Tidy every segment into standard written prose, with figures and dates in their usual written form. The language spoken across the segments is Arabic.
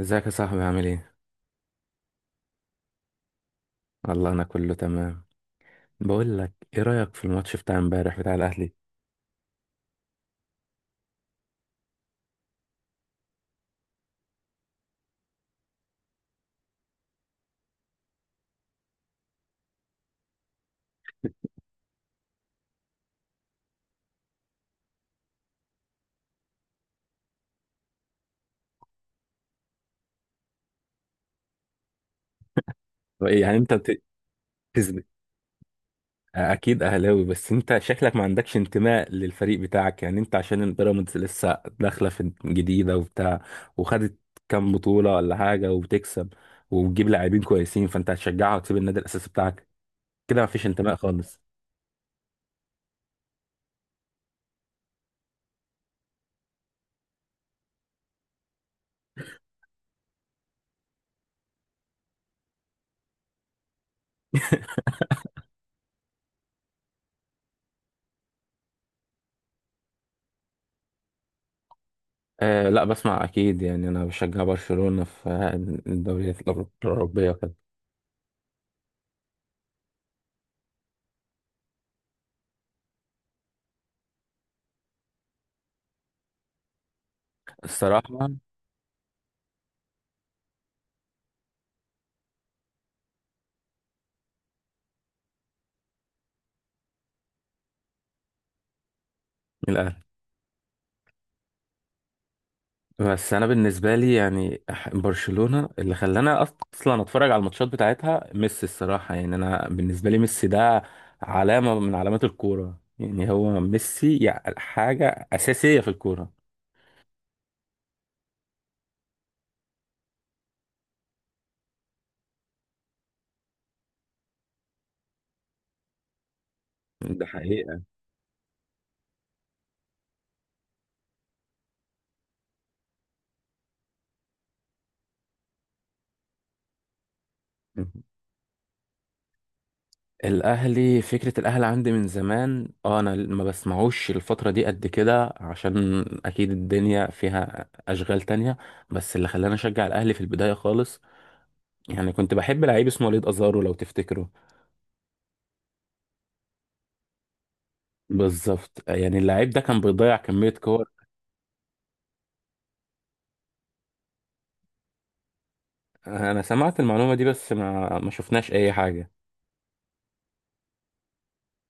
ازيك يا صاحبي؟ عامل ايه؟ والله انا كله تمام. بقول لك ايه رأيك في الماتش بتاع امبارح بتاع الاهلي؟ ايه يعني انت بتز- اكيد اهلاوي. بس انت شكلك ما عندكش انتماء للفريق بتاعك، يعني انت عشان البيراميدز لسه داخلة في جديدة وبتاع، وخدت كام بطولة ولا حاجة، وبتكسب وبتجيب لاعبين كويسين، فانت هتشجعها وتسيب النادي الاساسي بتاعك كده؟ ما فيش انتماء خالص. آه لا، بسمع اكيد، يعني انا بشجع برشلونة في الدوريات الأوروبية وكده. الصراحة الاهلي، بس انا بالنسبه لي يعني برشلونه اللي خلاني اصلا اتفرج على الماتشات بتاعتها ميسي. الصراحه يعني انا بالنسبه لي ميسي ده علامه من علامات الكوره، يعني هو ميسي يعني حاجه اساسيه في الكوره. ده حقيقه. الاهلي، فكره الاهلي عندي من زمان. اه انا ما بسمعوش الفتره دي قد كده، عشان اكيد الدنيا فيها اشغال تانية. بس اللي خلاني اشجع الاهلي في البدايه خالص، يعني كنت بحب لعيب اسمه وليد ازارو لو تفتكره. بالظبط، يعني اللعيب ده كان بيضيع كمية كور. انا سمعت المعلومة دي، بس ما شفناش اي حاجة.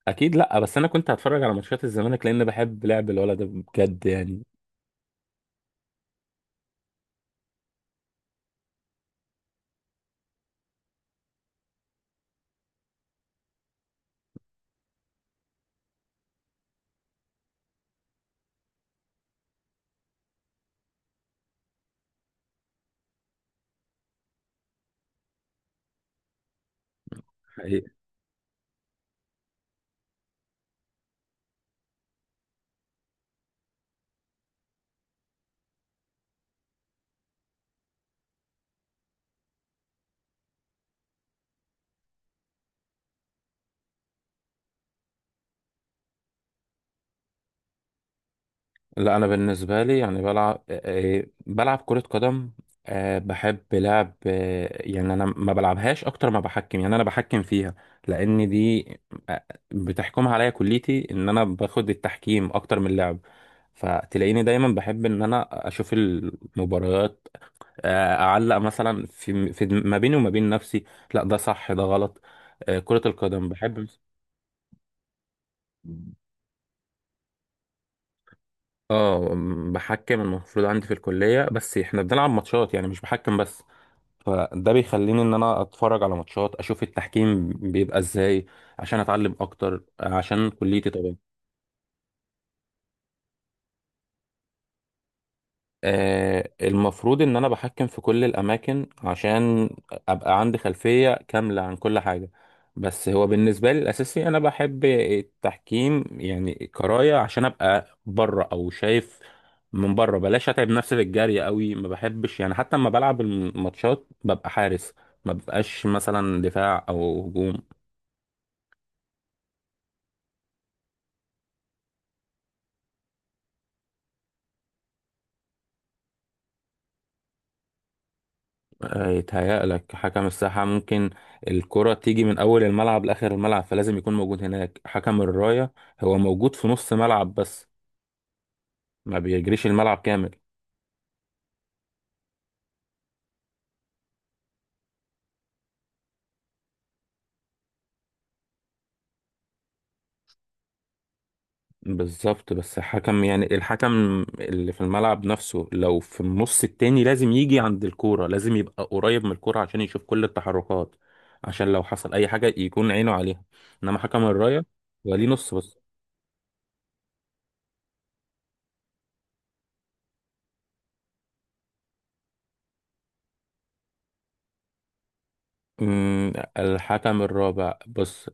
اكيد لا، بس انا كنت هتفرج على ماتشات الزمالك لان بحب لعب الولد ده بجد يعني. حقيقة. لا انا بالنسبة لي يعني بلعب، بلعب كرة قدم. بحب لعب، يعني انا ما بلعبهاش اكتر ما بحكم، يعني انا بحكم فيها لان دي آه، بتحكمها عليا كليتي، ان انا باخد التحكيم اكتر من اللعب. فتلاقيني دايما بحب ان انا اشوف المباريات، اعلق مثلا في ما بيني وما بين نفسي، لا ده صح ده غلط. كرة القدم بحب بحكم. المفروض عندي في الكلية بس احنا بنلعب ماتشات، يعني مش بحكم بس، فده بيخليني ان انا اتفرج على ماتشات اشوف التحكيم بيبقى ازاي، عشان اتعلم اكتر عشان كليتي طبعا. المفروض ان انا بحكم في كل الاماكن عشان ابقى عندي خلفية كاملة عن كل حاجة. بس هو بالنسبة لي الاساسي انا بحب التحكيم يعني كراية، عشان ابقى بره او شايف من بره، بلاش اتعب نفسي في الجري قوي، ما بحبش يعني. حتى لما بلعب الماتشات ببقى حارس، ما ببقاش مثلا دفاع او هجوم. يتهيألك حكم الساحة ممكن الكرة تيجي من أول الملعب لآخر الملعب، فلازم يكون موجود هناك. حكم الراية هو موجود في نص ملعب بس، ما بيجريش الملعب كامل. بالظبط، بس حكم يعني الحكم اللي في الملعب نفسه لو في النص التاني لازم يجي عند الكورة، لازم يبقى قريب من الكورة عشان يشوف كل التحركات، عشان لو حصل أي حاجة يكون عينه عليها. إنما حكم الراية هو ليه نص بس. أمم، الحكم الرابع بص،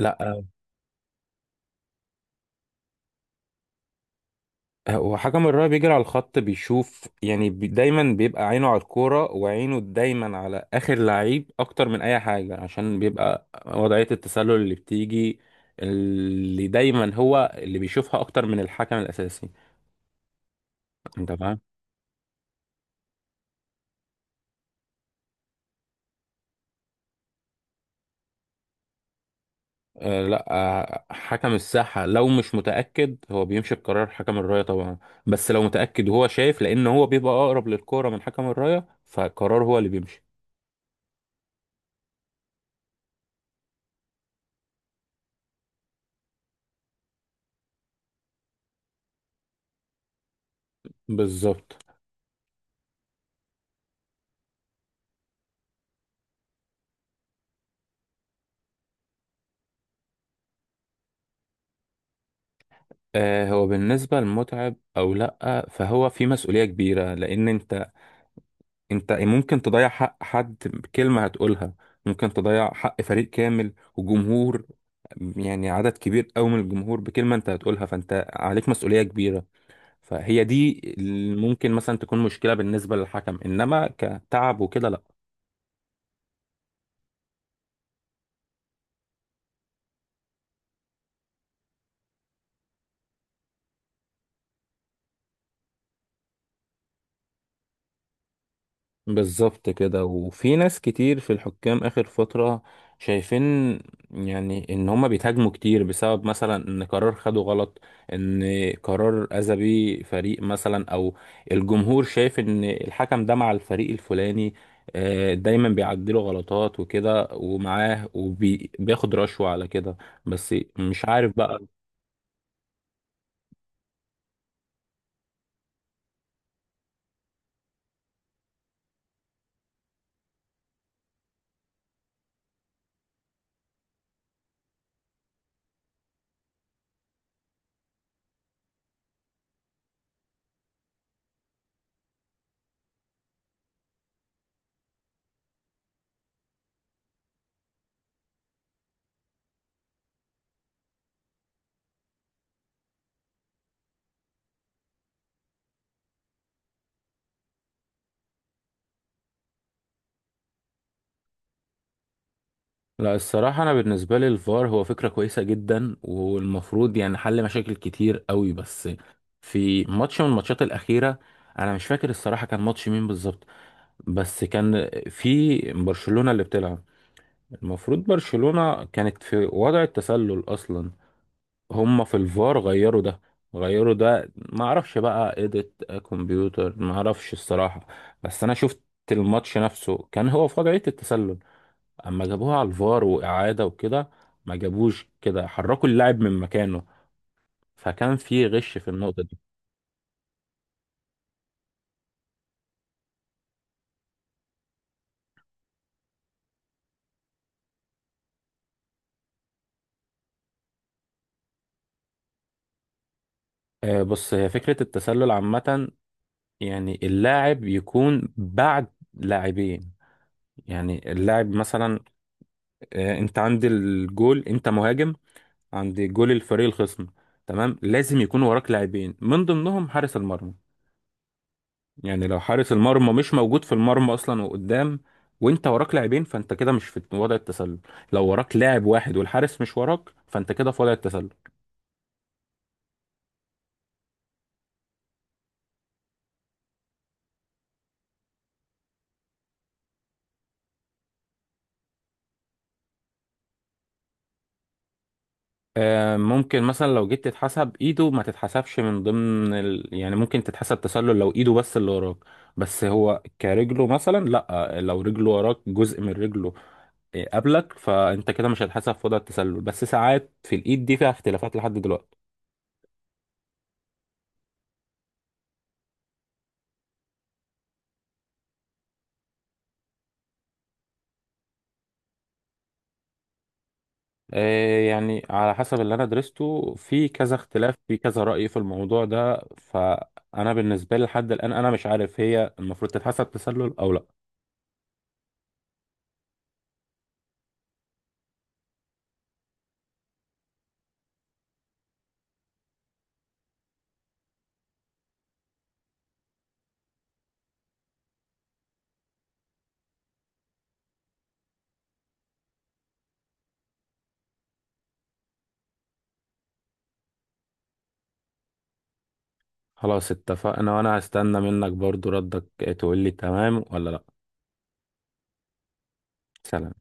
لا. وحكم الراية بيجري على الخط، بيشوف يعني بي دايما بيبقى عينه على الكورة، وعينه دايما على آخر لعيب أكتر من أي حاجة، عشان بيبقى وضعية التسلل اللي بتيجي اللي دايما هو اللي بيشوفها أكتر من الحكم الأساسي. أنت فاهم؟ آه لا، آه حكم الساحة لو مش متأكد هو بيمشي بقرار حكم الراية طبعا، بس لو متأكد وهو شايف، لأن هو بيبقى أقرب للكورة من حكم الراية، فقرار هو اللي بيمشي. بالظبط. هو بالنسبة للمتعب أو لأ، فهو في مسؤولية كبيرة، لأن أنت أنت ممكن تضيع حق حد بكلمة هتقولها، ممكن تضيع حق فريق كامل وجمهور، يعني عدد كبير أوي من الجمهور بكلمة أنت هتقولها، فأنت عليك مسؤولية كبيرة. فهي دي اللي ممكن مثلا تكون مشكلة بالنسبة للحكم، إنما كتعب وكده لأ. بالظبط كده. وفي ناس كتير في الحكام آخر فترة شايفين، يعني إن هما بيتهاجموا كتير بسبب مثلا إن قرار خده غلط، إن قرار أذى بيه فريق مثلا، أو الجمهور شايف إن الحكم ده مع الفريق الفلاني، دايما بيعدله غلطات وكده ومعاه وبياخد رشوة على كده، بس مش عارف بقى. لا الصراحة أنا بالنسبة لي الفار هو فكرة كويسة جدا، والمفروض يعني حل مشاكل كتير قوي. بس في ماتش من الماتشات الأخيرة، أنا مش فاكر الصراحة كان ماتش مين بالظبط، بس كان في برشلونة اللي بتلعب، المفروض برشلونة كانت في وضع التسلل أصلا، هما في الفار غيروا ده. غيروا ده، معرفش بقى إيديت كمبيوتر معرفش الصراحة، بس أنا شفت الماتش نفسه كان هو في وضعية التسلل، اما جابوها على الفار واعاده وكده ما جابوش كده، حركوا اللاعب من مكانه، فكان في غش في النقطه دي. بص هي فكره التسلل عامه، يعني اللاعب يكون بعد لاعبين. يعني اللاعب مثلا، انت عند الجول، انت مهاجم عند جول الفريق الخصم، تمام، لازم يكون وراك لاعبين من ضمنهم حارس المرمى. يعني لو حارس المرمى مش موجود في المرمى اصلا وقدام، وانت وراك لاعبين، فانت كده مش في وضع التسلل. لو وراك لاعب واحد والحارس مش وراك، فانت كده في وضع التسلل. آه ممكن مثلا لو جيت تتحسب ايده، ما تتحسبش من ضمن ال... يعني ممكن تتحسب تسلل لو ايده بس اللي وراك، بس هو كرجله مثلا لا، لو رجله وراك جزء من رجله قبلك، فانت كده مش هتحسب في وضع التسلل. بس ساعات في الايد دي فيها اختلافات لحد دلوقتي. يعني على حسب اللي انا درسته في كذا اختلاف في كذا رأي في الموضوع ده، فانا بالنسبة لي لحد الآن انا مش عارف هي المفروض تتحسب تسلل او لا. خلاص اتفقنا، وانا هستنى منك برضو ردك تقول لي تمام ولا لا. سلام.